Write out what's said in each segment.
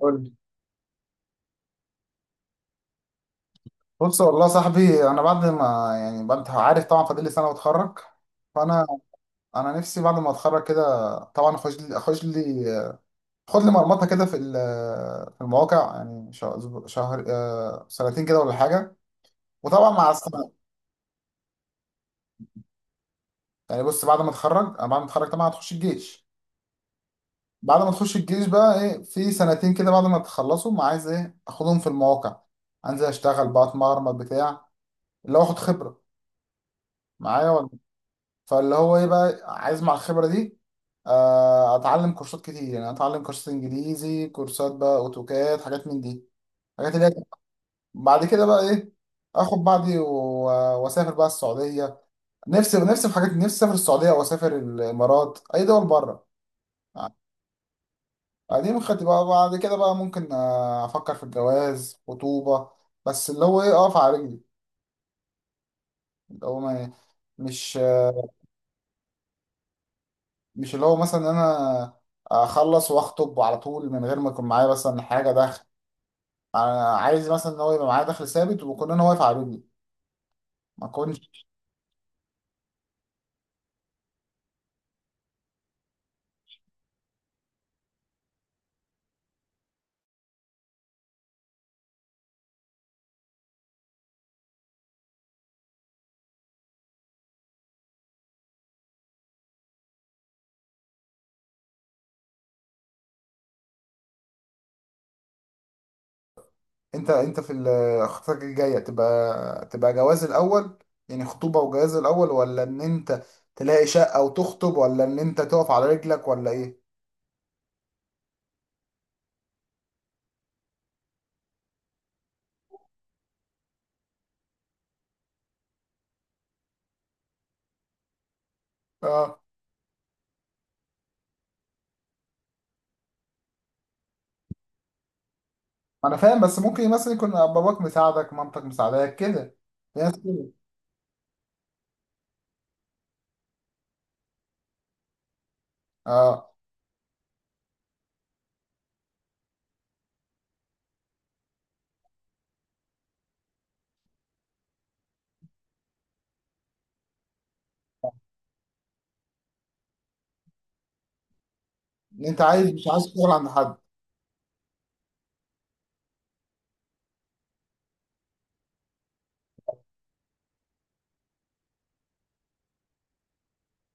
قول لي. بص والله يا صاحبي، انا بعد ما، يعني بعد عارف طبعا، فاضل لي سنه واتخرج. فانا نفسي بعد ما اتخرج كده، طبعا اخش لي خد لي مرمطه كده في المواقع، يعني شهر, شهر آه، سنتين كده ولا حاجه، وطبعا مع السنه. يعني بص، بعد ما اتخرج طبعا هتخش الجيش. بعد ما تخش الجيش بقى ايه، في سنتين كده بعد ما تخلصوا ما عايز ايه اخدهم في المواقع، انزل اشتغل بقى، اتمرمط بتاع اللي هو اخد خبره معايا. فاللي هو ايه بقى عايز مع الخبرة دي؟ اتعلم كورسات كتير، يعني اتعلم كورسات انجليزي، كورسات بقى اوتوكاد، حاجات من دي، حاجات اللي هي. بعد كده بقى ايه، اخد بعضي واسافر بقى السعودية. نفسي، نفسي في حاجات، نفسي اسافر السعودية واسافر الامارات، اي دول بره. دي مخطط بقى. بعد كده بقى ممكن افكر في الجواز، خطوبة. بس اللي هو ايه، اقف على رجلي، اللي هو ما مش مش اللي هو مثلا انا اخلص واخطب على طول من غير ما يكون معايا مثلا حاجة دخل. عايز مثلا ان هو يبقى معايا دخل ثابت ويكون انا واقف على رجلي، ما اكونش. انت، خطتك الجايه تبقى جواز الاول؟ يعني خطوبه وجواز الاول؟ ولا ان انت تلاقي شقه وتخطب؟ ولا ان انت تقف على رجلك؟ ولا ايه؟ اه، انا فاهم، بس ممكن مثلا يكون باباك مساعدك، مامتك مساعداك كده، في ناس كده. اه، انت عايز، مش عايز تشتغل عند حد؟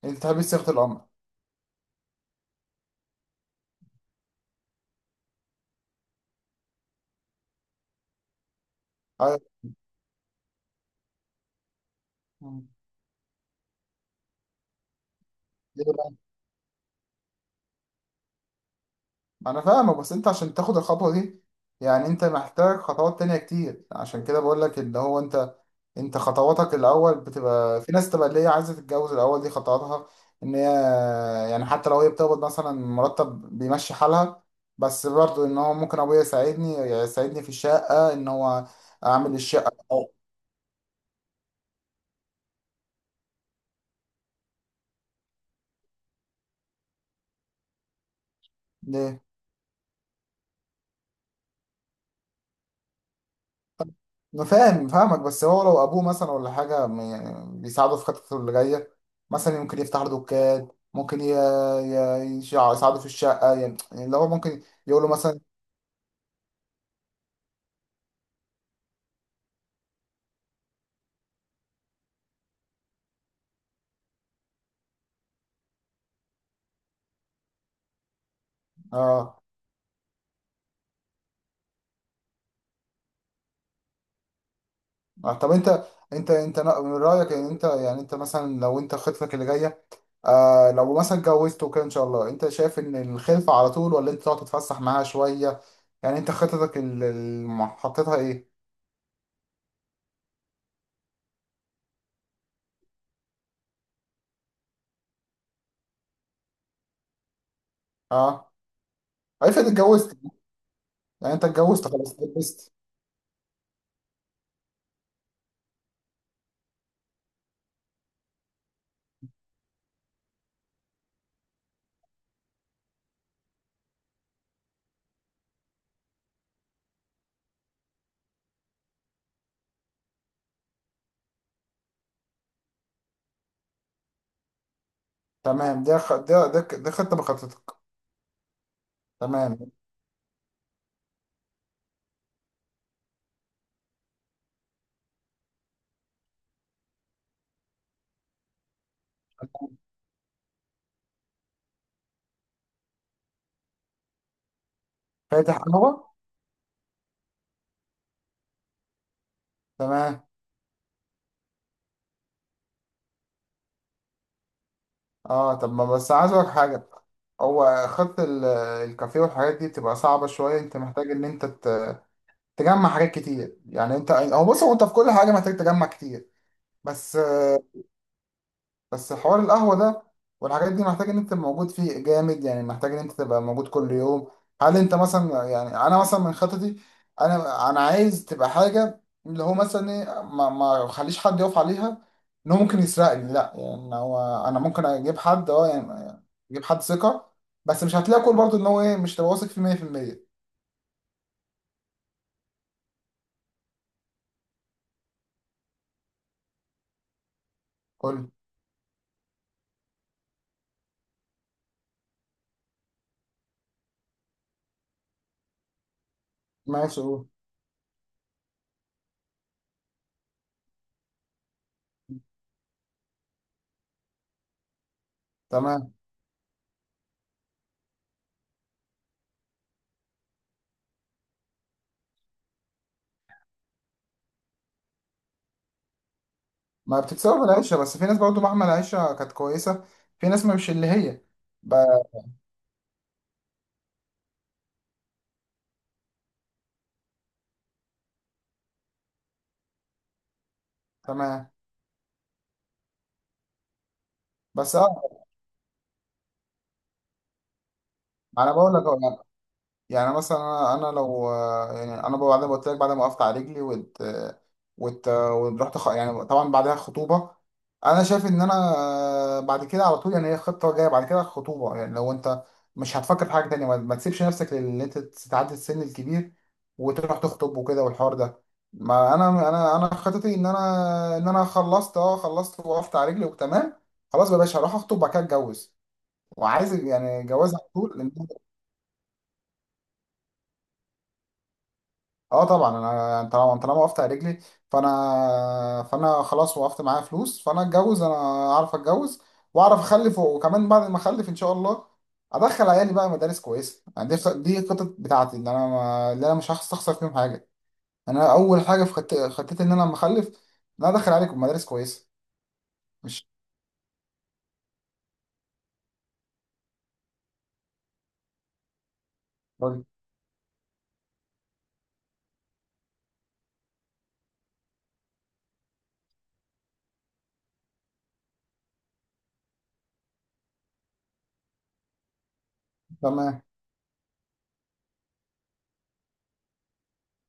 انت تحب صيغه الامر؟ ايوه، انا فاهمك، بس انت عشان تاخد الخطوه دي يعني انت محتاج خطوات تانية كتير. عشان كده بقول لك اللي هو انت، انت خطواتك الاول بتبقى، في ناس تبقى اللي هي عايزه تتجوز الاول، دي خطواتها ان هي، يعني حتى لو هي بتقبض مثلا مرتب بيمشي حالها، بس برضه ان هو ممكن ابويا يساعدني، يساعدني في الشقه ان هو اعمل الشقه ليه. انا فاهم، فاهمك، بس هو لو ابوه مثلا ولا حاجه، يعني بيساعده في خطته اللي جايه. مثلا ممكن يفتح له دكان، ممكن يساعده في الشقه، يعني يعني اللي هو ممكن يقول له مثلا. اه. طب انت، انت من رايك ان انت، يعني انت مثلا لو انت خطتك اللي جايه، لو مثلا اتجوزت وكده ان شاء الله، انت شايف ان الخلفه على طول؟ ولا انت تقعد تتفسح معاها شويه؟ يعني انت خطتك اللي حطيتها ايه؟ اه، افرض اتجوزت. يعني انت اتجوزت، خلاص اتجوزت. تمام. ده خ... ده ده ك- ده خطة بخطتك. تمام، فاتح قهوة. تمام. اه، طب ما بس عايز اقولك حاجة. هو الكافيه والحاجات دي بتبقى صعبة شوية، انت محتاج ان انت تجمع حاجات كتير. يعني انت، هو بص هو انت في كل حاجة محتاج تجمع كتير. بس، بس حوار القهوة ده والحاجات دي، محتاج ان انت تبقى موجود فيه جامد، يعني محتاج ان انت تبقى موجود كل يوم. هل انت مثلا، يعني انا مثلا من خططي، انا عايز تبقى حاجة اللي هو مثلا ايه، ما اخليش حد يقف عليها ان هو ممكن يسرقني. لا يعني هو، انا ممكن اجيب حد، يعني اجيب حد ثقة، بس مش هتلاقي كل، برضه ان هو ايه، مش تبقى واثق فيه 100%. قول. ماشي، قول. تمام. ما بتتسوى بالعيشة، بس في ناس برضه مهما العيشة كانت كويسة، في ناس مش اللي هي. ب- تمام، بس اه، انا بقول لك أهو، يعني، يعني مثلا انا، انا لو، يعني انا بعد ما قلت لك بعد ما وقفت على رجلي، يعني طبعا بعدها خطوبه. انا شايف ان انا بعد كده على طول، يعني هي خطه جايه بعد كده الخطوبه، يعني لو انت مش هتفكر في حاجه تانية ما تسيبش نفسك لان انت تتعدي السن الكبير وتروح تخطب وكده والحوار ده. ما انا خطتي ان انا ان انا خلصت، خلصت، وقفت على رجلي وتمام. خلاص بقى يا باشا، هروح اخطب وبعد كده اتجوز، وعايز يعني جواز على طول. اه، طبعا انا طالما انت، طالما وقفت على رجلي فانا فانا خلاص، وقفت معايا فلوس، فانا اتجوز، انا اعرف اتجوز، واعرف اخلف، وكمان بعد ما اخلف ان شاء الله ادخل عيالي بقى مدارس كويسه. يعني دي، الخطط بتاعتي ان انا ما... اللي انا مش هستخسر فيهم حاجه. يعني انا اول حاجه في خطتي ان انا لما اخلف ان انا ادخل عليكم مدارس كويسه. مش تمام.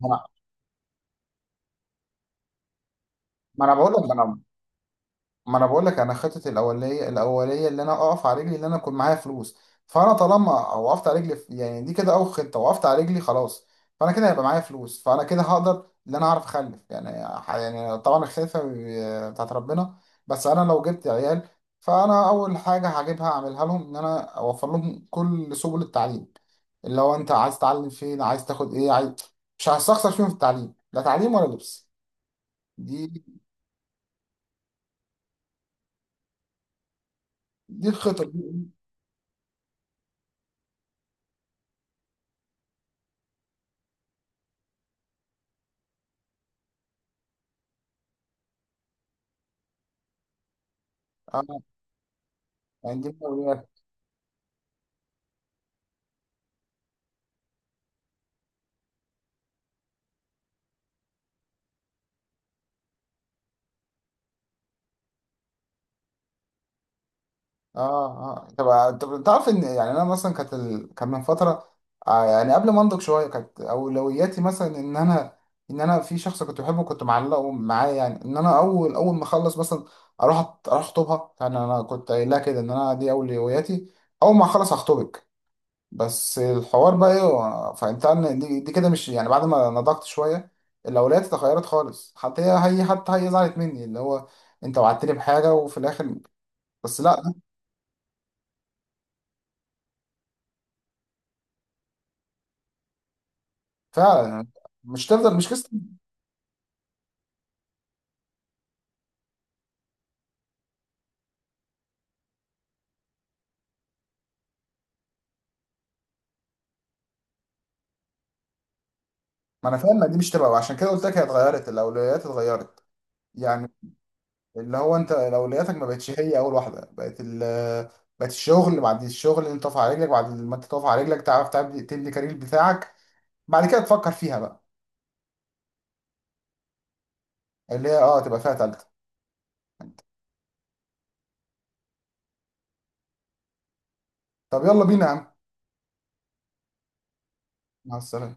ما انا ما أنا بقول لك ما انا بقول لك، انا خطتي الاوليه، اللي انا اقف على رجلي، اللي انا اكون معايا فلوس. فانا طالما وقفت على رجلي يعني دي كده اول خطه، وقفت على رجلي خلاص. فانا كده هيبقى معايا فلوس، فانا كده هقدر ان انا اعرف اخلف، يعني يعني طبعا الخلفه بتاعت ربنا. بس انا لو جبت عيال، فانا اول حاجه هجيبها اعملها لهم ان انا اوفر لهم كل سبل التعليم، اللي هو انت عايز تتعلم فين، عايز تاخد ايه، عايز. مش هستخسر فيهم، في التعليم لا، تعليم ولا لبس. دي، الخطه، دي إيه؟ آه، يعني دي. اه، اه طب طب، انت تعرف ان، يعني انا مثلا كانت كان من فتره، يعني قبل ما انضج شويه كانت اولوياتي مثلا ان انا، ان انا في شخص كنت بحبه كنت معلقه معاه، يعني ان انا اول اول ما اخلص مثلا اروح، اروح اخطبها. يعني انا كنت قايلها كده ان انا دي اولوياتي، اول ما اخلص هخطبك. بس الحوار بقى ايه، فانت ان دي كده مش، يعني بعد ما نضجت شويه الاولويات اتغيرت خالص. حتى هي، حتى هي زعلت مني. اللي هو انت وعدتني بحاجه وفي الاخر. بس لا، فعلا، مش تفضل، مش قصه. ما انا فاهم، ما دي مش تبقى، وعشان كده قلت لك هي اتغيرت، الاولويات اتغيرت. يعني اللي هو انت اولوياتك ما بقتش هي اول واحده، بقت ال، بقت الشغل. بعد الشغل انت تقف على رجلك، بعد ما انت تقف على رجلك تعرف تبني كارير بتاعك، بعد كده تفكر فيها بقى. اللي هي اه تبقى فيها تالته. طب يلا بينا يا عم. مع السلامه.